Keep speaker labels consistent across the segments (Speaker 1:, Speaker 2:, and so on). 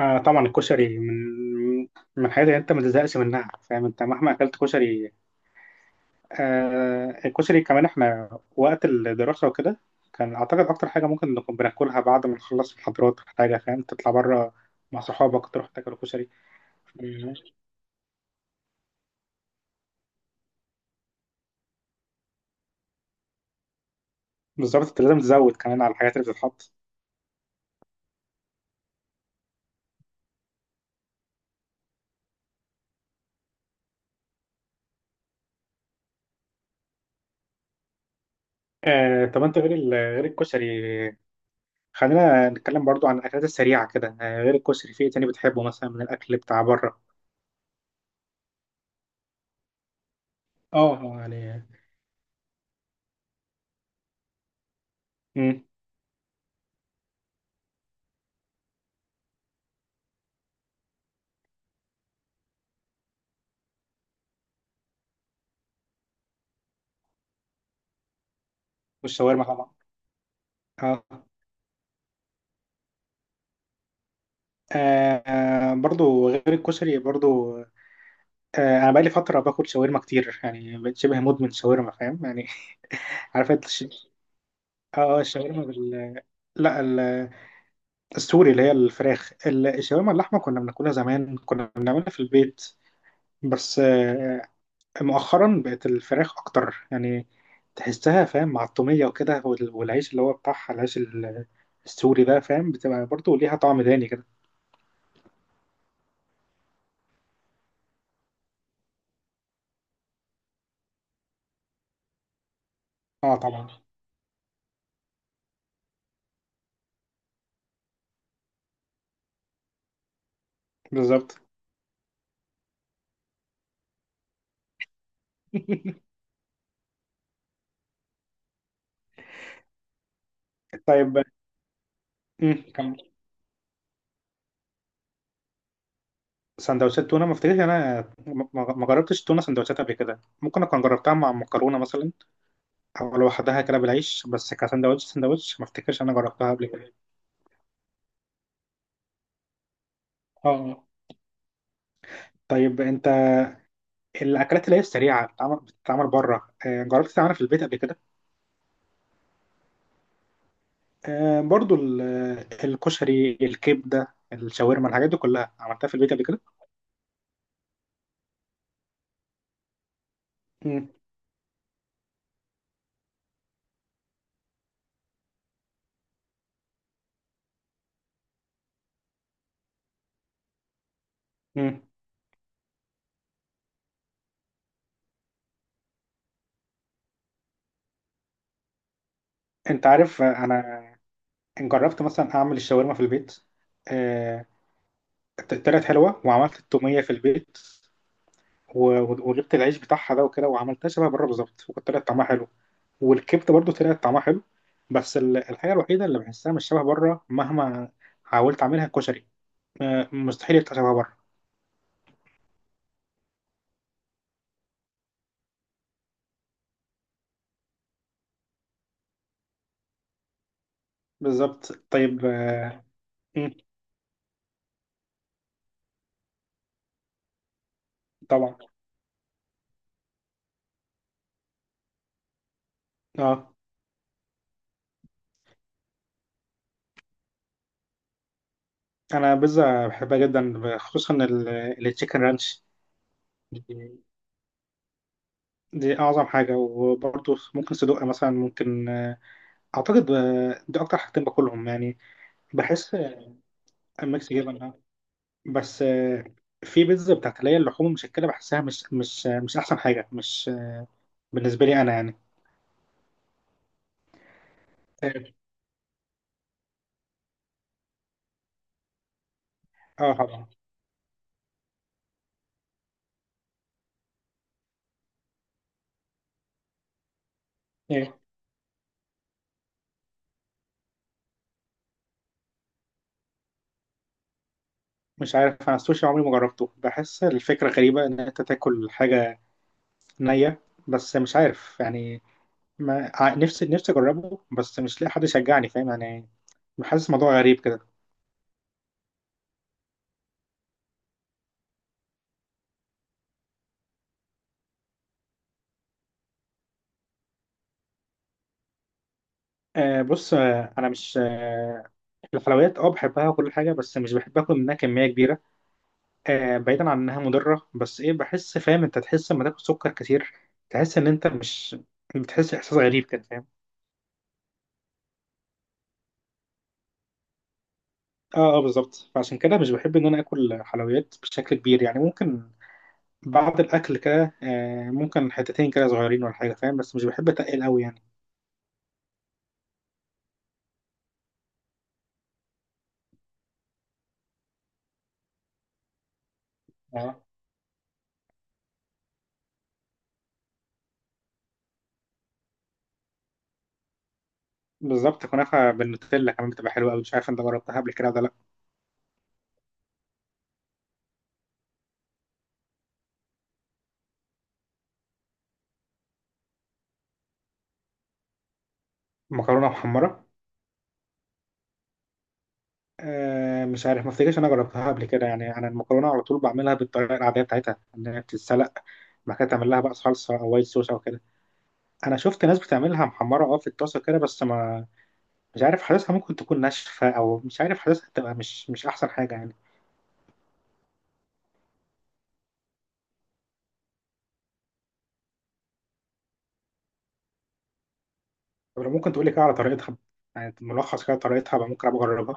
Speaker 1: طبعا الكشري من الحاجات اللي انت ما تزهقش منها، فاهم؟ انت مهما اكلت كشري. الكشري كمان احنا وقت الدراسة وكده، كان اعتقد اكتر حاجة ممكن نكون بناكلها بعد ما نخلص محاضرات ولا حاجة، فاهم؟ تطلع بره مع صحابك تروح تاكل كشري. مم. بالظبط، انت لازم تزود كمان على الحاجات اللي بتتحط. طب انت غير غير الكشري، خلينا نتكلم برضو عن الاكلات السريعة كده، غير الكشري في ايه تاني بتحبه مثلا من الاكل بتاع بره؟ اه، يعني. مم. والشاورما طبعا. اه، برضو غير الكشري برضو. انا بقالي فتره باكل شاورما كتير يعني، بقيت شبه مدمن شاورما، فاهم يعني. عارف انت اه، الشاورما لا، السوري اللي هي الفراخ، الشاورما اللحمه كنا بناكلها زمان، كنا بنعملها في البيت. بس مؤخرا بقت الفراخ اكتر يعني. تحسها فاهم مع الطوميه وكده والعيش اللي هو بتاعها، العيش السوري ده، فاهم؟ بتبقى برضو ليها طعم تاني كده. اه طبعا. بالظبط. طيب. كم سندوتشات تونه، ما افتكرش انا ما جربتش تونه سندوتشات قبل كده. ممكن اكون جربتها مع مكرونه مثلا، او لوحدها كده بالعيش، بس كسندوتش، ما افتكرش انا جربتها قبل كده. اه طيب. انت الاكلات اللي هي السريعه بتتعمل بره، جربت تعملها في البيت قبل كده؟ برضو الكشري، الكبده، الشاورما، الحاجات دي كلها عملتها في البيت قبل كده. مم. مم. انت عارف انا جربت مثلا اعمل الشاورما في البيت. آه، طلعت حلوه. وعملت التوميه في البيت وجبت العيش بتاعها ده وكده، وعملتها شبه بره بالظبط، وكانت طلعت طعمها حلو. والكبده برضو طلعت طعمها حلو. بس الحاجه الوحيده اللي بحسها مش شبه بره مهما حاولت اعملها كشري. مستحيل يبقى شبه بره. بالظبط. طيب مم، طبعا. اه، انا بيتزا بحبها جدا خصوصا التشيكن رانش. دي دي اعظم حاجه، وبرضو ممكن صدق مثلا، ممكن اعتقد دي اكتر حاجتين باكلهم يعني. بحس ميكس جبن. بس في بيتزا بتاعت اللي هي اللحوم المشكله، بحسها مش احسن حاجه، مش آه، بالنسبه لي انا يعني. اه طبعا. ايه. مش عارف، انا السوشي عمري ما جربته، بحس الفكره غريبه ان انت تاكل حاجه نيه، بس مش عارف يعني. ما ع- نفسي اجربه، بس مش لاقي حد يشجعني، فاهم يعني. بحس الموضوع غريب كده. بص، انا، مش آه الحلويات، اه، بحبها وكل حاجه، بس مش بحب اكل منها كميه كبيره. بعيدا عن انها مضره، بس ايه، بحس فاهم، انت تحس لما تاكل سكر كتير، تحس ان انت مش، بتحس احساس غريب كده، فاهم؟ اه، اه، بالظبط، فعشان كده مش بحب ان انا اكل حلويات بشكل كبير يعني. ممكن بعد الاكل كده ممكن حتتين كده صغيرين ولا حاجه، فاهم، بس مش بحب اتقل قوي يعني. اه بالظبط، كنافه بالنوتيلا كمان بتبقى حلوه قوي، مش عارف انت جربتها قبل كده ولا لا. مكرونه محمره. مش عارف، ما افتكرش انا جربتها قبل كده يعني. انا المكرونه على طول بعملها بالطريقه العاديه بتاعتها ان هي بتتسلق، بعد كده تعمل لها بقى صلصه او وايت صوص او كده. انا شفت ناس بتعملها محمره اه في الطاسه كده، بس ما مش عارف، حاسسها ممكن تكون ناشفه، او مش عارف، حاسسها تبقى مش احسن حاجه يعني. طب لو ممكن تقول لي كده على طريقتها، يعني ملخص كده طريقتها، بقى ممكن ابقى اجربها.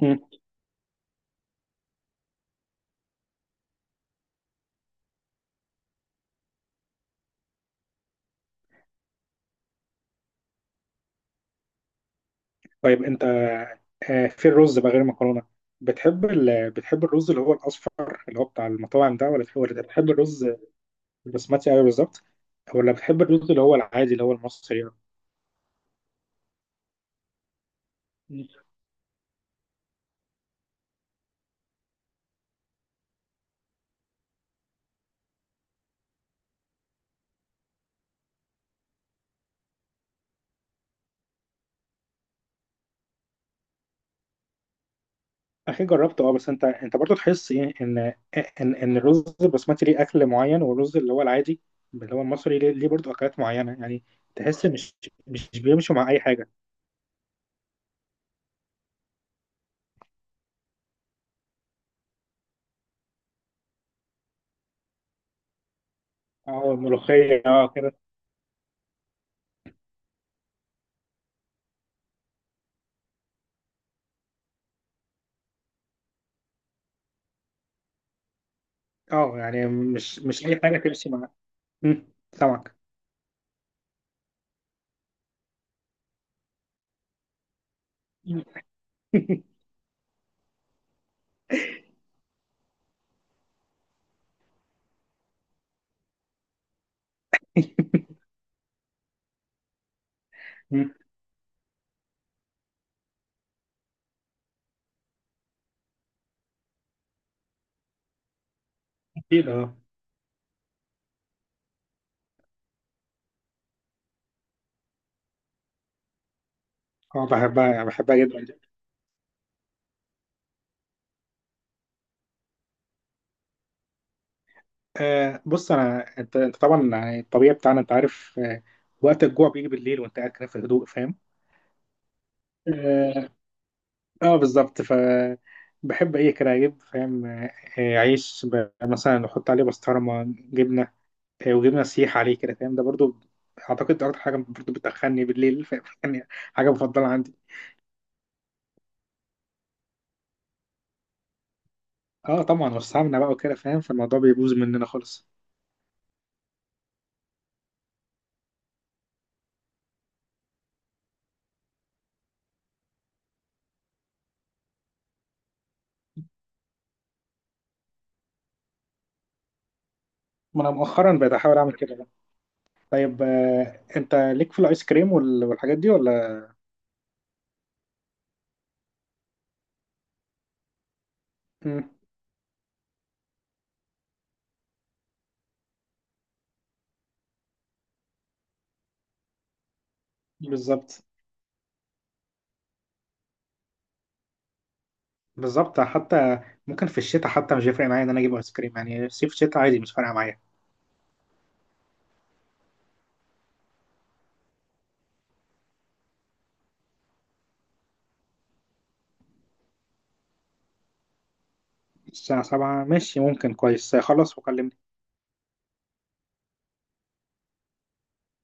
Speaker 1: مم. طيب انت في الرز بقى غير المكرونه، بتحب الرز اللي هو الاصفر اللي هو بتاع المطاعم ده، ولا بتحب الرز البسمتي أوي بالظبط، ولا بتحب الرز اللي هو العادي اللي هو المصري يعني؟ أخي جربته أه، بس أنت برضه تحس إيه؟ إن الرز البسمتي ليه أكل معين، والرز اللي هو العادي اللي هو المصري ليه برضه أكلات معينة يعني. تحس مش بيمشوا مع أي حاجة. أه الملوخية أه كده. أه يعني مش أي حاجة تمشي مع. مم، سمك. مم، أكيد أه. أه بحبها يعني، بحبها جدا. بص، انا، انت طبعا، يعني الطبيعي بتاعنا، انت عارف. وقت الجوع بيجي بالليل وانت قاعد كده في الهدوء، فاهم؟ اه، بالظبط، ف بحب ايه كده اجيب، فاهم؟ عيش مثلا احط عليه بسطرمه جبنه، وجبنه سيح عليه كده، فاهم؟ ده برضو اعتقد ده اكتر حاجه برضو بتدخلني بالليل، فاهم؟ يعني. حاجه مفضله عندي. اه طبعا، والسمنه بقى وكده، فاهم؟ فالموضوع بيبوظ مننا خالص. ما انا مؤخرا بقيت احاول اعمل كده بقى. طيب انت ليك في الايس كريم والحاجات دي ولا؟ مم. بالظبط. بالظبط، حتى ممكن في الشتاء، حتى مش هيفرق معايا ان انا اجيب ايس كريم يعني، صيف شتاء عادي مش فارقه معايا. الساعه 7 ماشي، ممكن كويس، خلص وكلمني.